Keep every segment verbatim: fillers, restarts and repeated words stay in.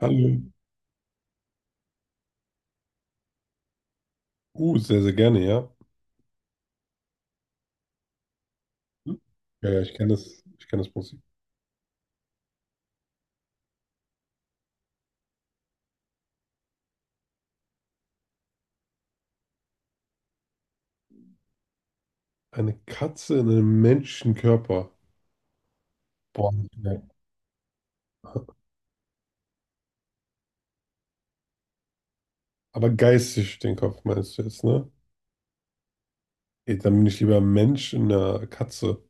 Hallo. Uh, sehr, sehr gerne, ja. Hm? Ja, ja, ich kenne das, ich kenne das Prinzip. Eine Katze in einem Menschenkörper. Boah, ne. Aber geistig den Kopf meinst du jetzt, ne? Ey, dann bin ich lieber ein Mensch in einer Katze.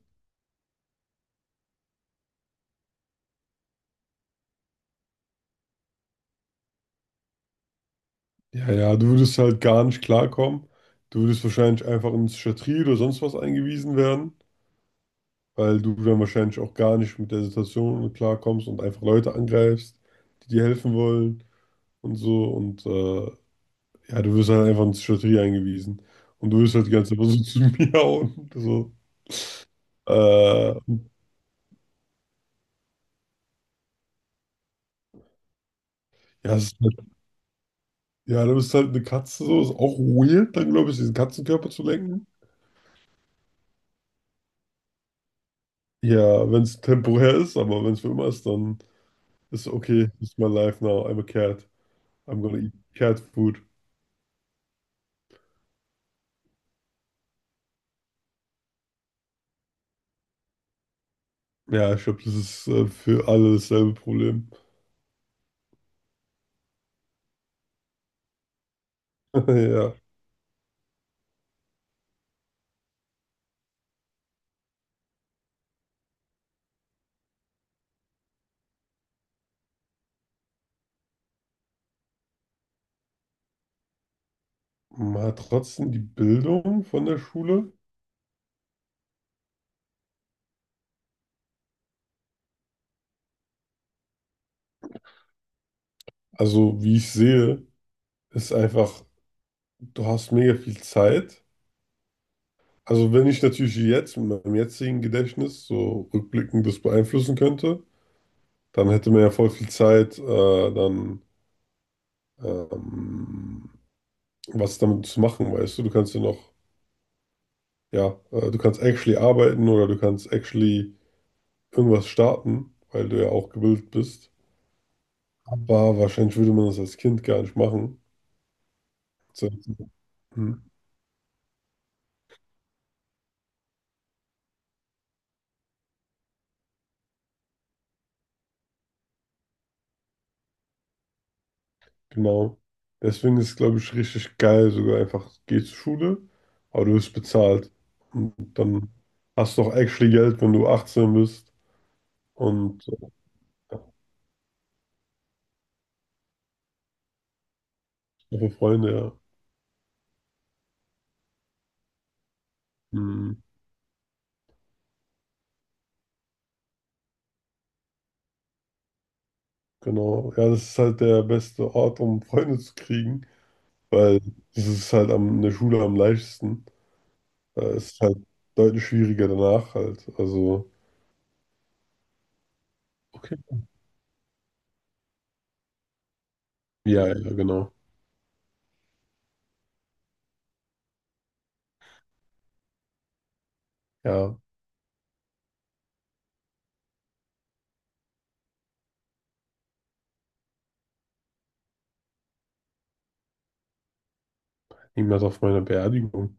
Ja, ja, du würdest halt gar nicht klarkommen. Du würdest wahrscheinlich einfach in die Psychiatrie oder sonst was eingewiesen werden, weil du dann wahrscheinlich auch gar nicht mit der Situation klarkommst und einfach Leute angreifst, die dir helfen wollen und so. Und äh, Ja, du wirst halt einfach in die Psychiatrie eingewiesen. Und du wirst halt die ganze Zeit so zu mir miauen. So. Äh, ja, es ist halt, ja, du bist halt eine Katze, so ist auch weird, dann glaube ich, diesen Katzenkörper zu lenken. Ja, wenn es temporär ist, aber wenn es für immer ist, dann ist okay, it's my life now, I'm a cat. I'm gonna eat cat food. Ja, ich glaube, das ist äh, für alle dasselbe Problem. Ja. Man hat trotzdem die Bildung von der Schule. Also, wie ich sehe, ist einfach, du hast mega viel Zeit. Also wenn ich natürlich jetzt mit meinem jetzigen Gedächtnis so rückblickend das beeinflussen könnte, dann hätte man ja voll viel Zeit, äh, dann ähm, was damit zu machen, weißt du? Du kannst ja noch, ja, äh, du kannst actually arbeiten oder du kannst actually irgendwas starten, weil du ja auch gebildet bist. Aber wahrscheinlich würde man das als Kind gar nicht machen. So, hm. Genau. Deswegen ist es, glaube ich, richtig geil, sogar einfach, geh zur Schule, aber du wirst bezahlt. Und dann hast du auch actually Geld, wenn du achtzehn bist und auch für Freunde, ja. Mhm. Genau. Ja, das ist halt der beste Ort, um Freunde zu kriegen, weil das ist halt am, in der Schule am leichtesten. Äh, Es ist halt deutlich schwieriger danach halt. Also, okay. Ja, ja, genau. Ja, niemand auf meiner Beerdigung.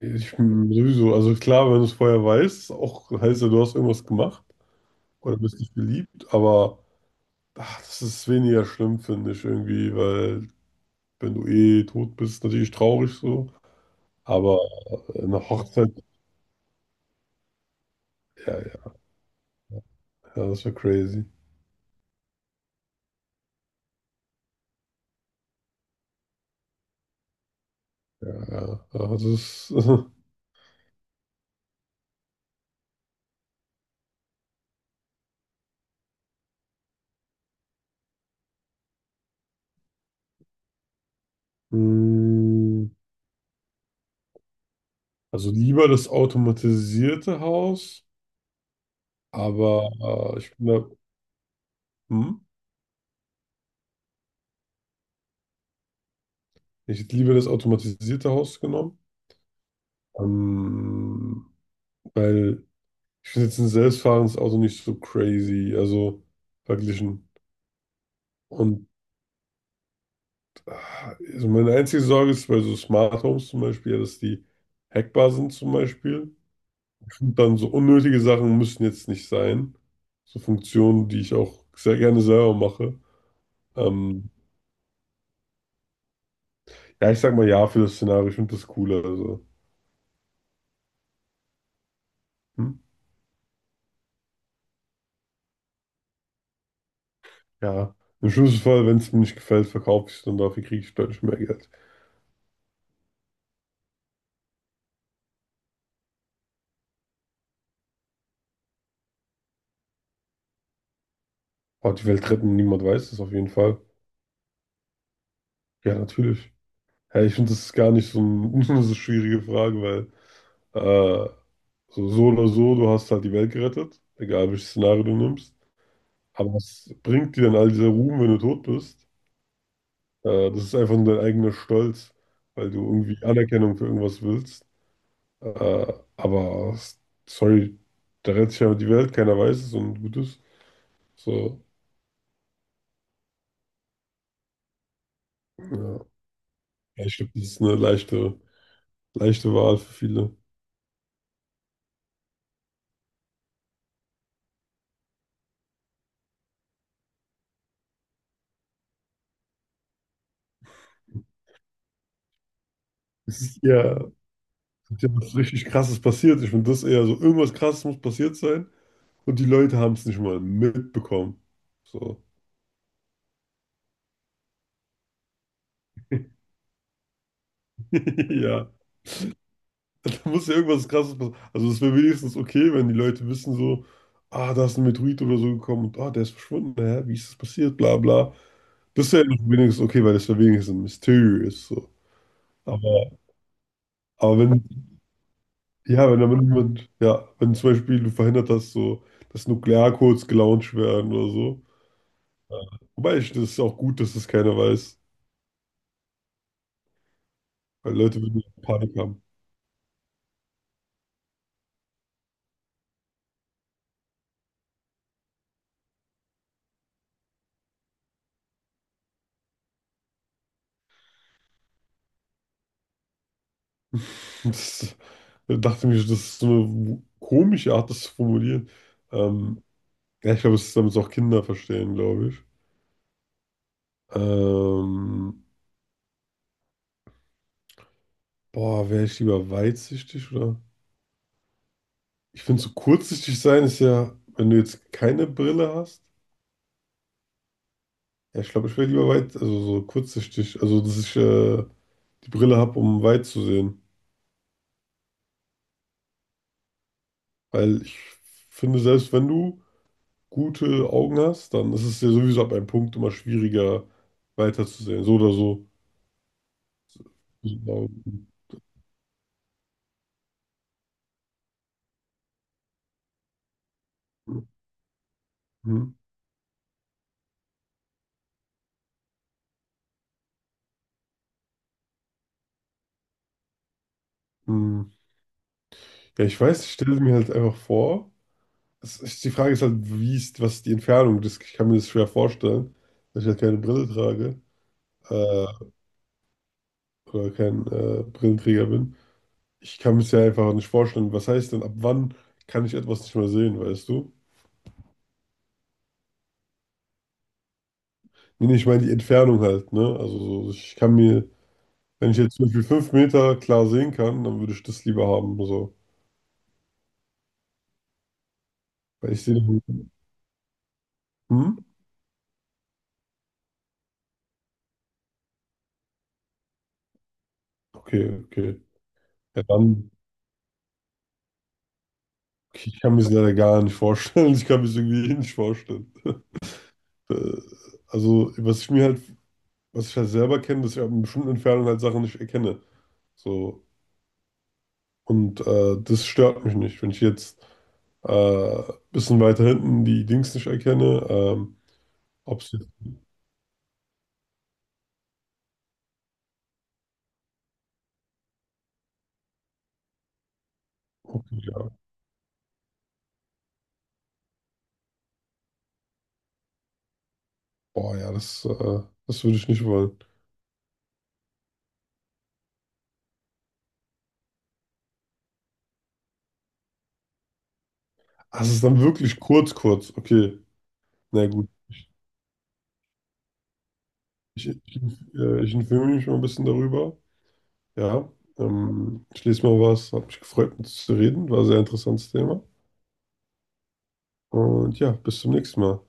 Ich bin sowieso, also klar, wenn du es vorher weißt, auch heißt ja, du hast irgendwas gemacht oder bist nicht beliebt, aber ach, das ist weniger schlimm, finde ich irgendwie, weil wenn du eh tot bist, natürlich traurig so, aber eine Hochzeit, ja, ja, ja, das wäre crazy. Ja, ja, also das ist, mm, also lieber das automatisierte Haus, aber äh, ich bin da, hm, ich hätte lieber das automatisierte Haus genommen, ähm, weil ich finde jetzt ein selbstfahrendes Auto nicht so crazy, also verglichen. Und ah, also meine einzige Sorge ist bei so Smart Homes zum Beispiel, ja, dass die hackbar sind zum Beispiel. Und dann so unnötige Sachen müssen jetzt nicht sein. So Funktionen, die ich auch sehr gerne selber mache. Ähm, ja, ich sag mal ja für das Szenario, ich finde das cooler. Also, hm? Ja, im schlimmsten Fall, wenn es mir nicht gefällt, verkaufe ich es und dafür kriege ich deutlich mehr Geld. Aber die Welt retten, niemand weiß das auf jeden Fall. Ja, natürlich. Ja, ich finde, das ist gar nicht so, ein, so eine schwierige Frage, weil äh, so, so oder so, du hast halt die Welt gerettet, egal welches Szenario du nimmst. Aber was bringt dir denn all dieser Ruhm, wenn du tot bist? Äh, das ist einfach nur dein eigener Stolz, weil du irgendwie Anerkennung für irgendwas willst. Äh, aber sorry, da rettet sich ja die Welt, keiner weiß es und gut ist. So, ja. Ja, ich glaube, das ist eine leichte, leichte Wahl für viele. Ja. Ja, was richtig krasses passiert. Ich finde das eher so, irgendwas krasses muss passiert sein und die Leute haben es nicht mal mitbekommen. So. Ja, da muss ja irgendwas krasses passieren. Also es wäre wenigstens okay, wenn die Leute wissen so, ah, da ist ein Meteorit oder so gekommen und ah, der ist verschwunden, hä? Wie ist das passiert, bla bla. Das wäre noch wenigstens okay, weil das wäre wenigstens ein Mysterium ist so. Aber, aber wenn, ja, wenn damit jemand, ja, wenn zum Beispiel du verhindert hast, so, dass Nuklearcodes gelauncht werden oder so. Ja. Wobei ich, das ist auch gut, dass das keiner weiß. Weil Leute würden ja Panik haben. Und das, da dachte ich mir, das ist so eine komische Art, das zu formulieren. Ähm, ja, ich glaube, es ist, damit es auch Kinder verstehen, glaube ich. Ähm, Boah, wäre ich lieber weitsichtig oder? Ich finde, so kurzsichtig sein ist ja, wenn du jetzt keine Brille hast. Ja, ich glaube, ich wäre lieber weit, also so kurzsichtig, also dass ich äh, die Brille habe, um weit zu sehen. Weil ich finde, selbst wenn du gute Augen hast, dann ist es ja sowieso ab einem Punkt immer schwieriger weiterzusehen. So oder so. Hm, hm. Ja, ich weiß, ich stelle mir halt einfach vor. Es ist, die Frage ist halt, wie ist, was ist die Entfernung? Das, ich kann mir das schwer vorstellen, dass ich halt keine Brille trage äh, oder kein äh, Brillenträger bin. Ich kann mir es ja einfach nicht vorstellen. Was heißt denn, ab wann kann ich etwas nicht mehr sehen, weißt du? Nee, nee, ich meine die Entfernung halt, ne? Also so, ich kann mir wenn ich jetzt zum Beispiel fünf Meter klar sehen kann, dann würde ich das lieber haben. So. Weil ich sehe. Den- Hm? Okay, okay. Ja, dann. Okay, ich kann mir das leider gar nicht vorstellen. Ich kann mir das irgendwie eh nicht vorstellen. Äh, Also, was ich mir halt, was ich halt selber kenne, dass ich ab einer bestimmten Entfernung halt Sachen nicht erkenne. So. Und äh, das stört mich nicht. Wenn ich jetzt ein äh, bisschen weiter hinten die Dings nicht erkenne, ähm, ob es jetzt. Okay, ja. Boah, ja, das, äh, das würde ich nicht wollen. Ah, es ist dann wirklich kurz, kurz. Okay. Na gut. Ich, ich, äh, Ich informiere mich mal ein bisschen darüber. Ja, ähm, ich lese mal was, hat mich gefreut, mit dir zu reden. War ein sehr interessantes Thema. Und ja, bis zum nächsten Mal.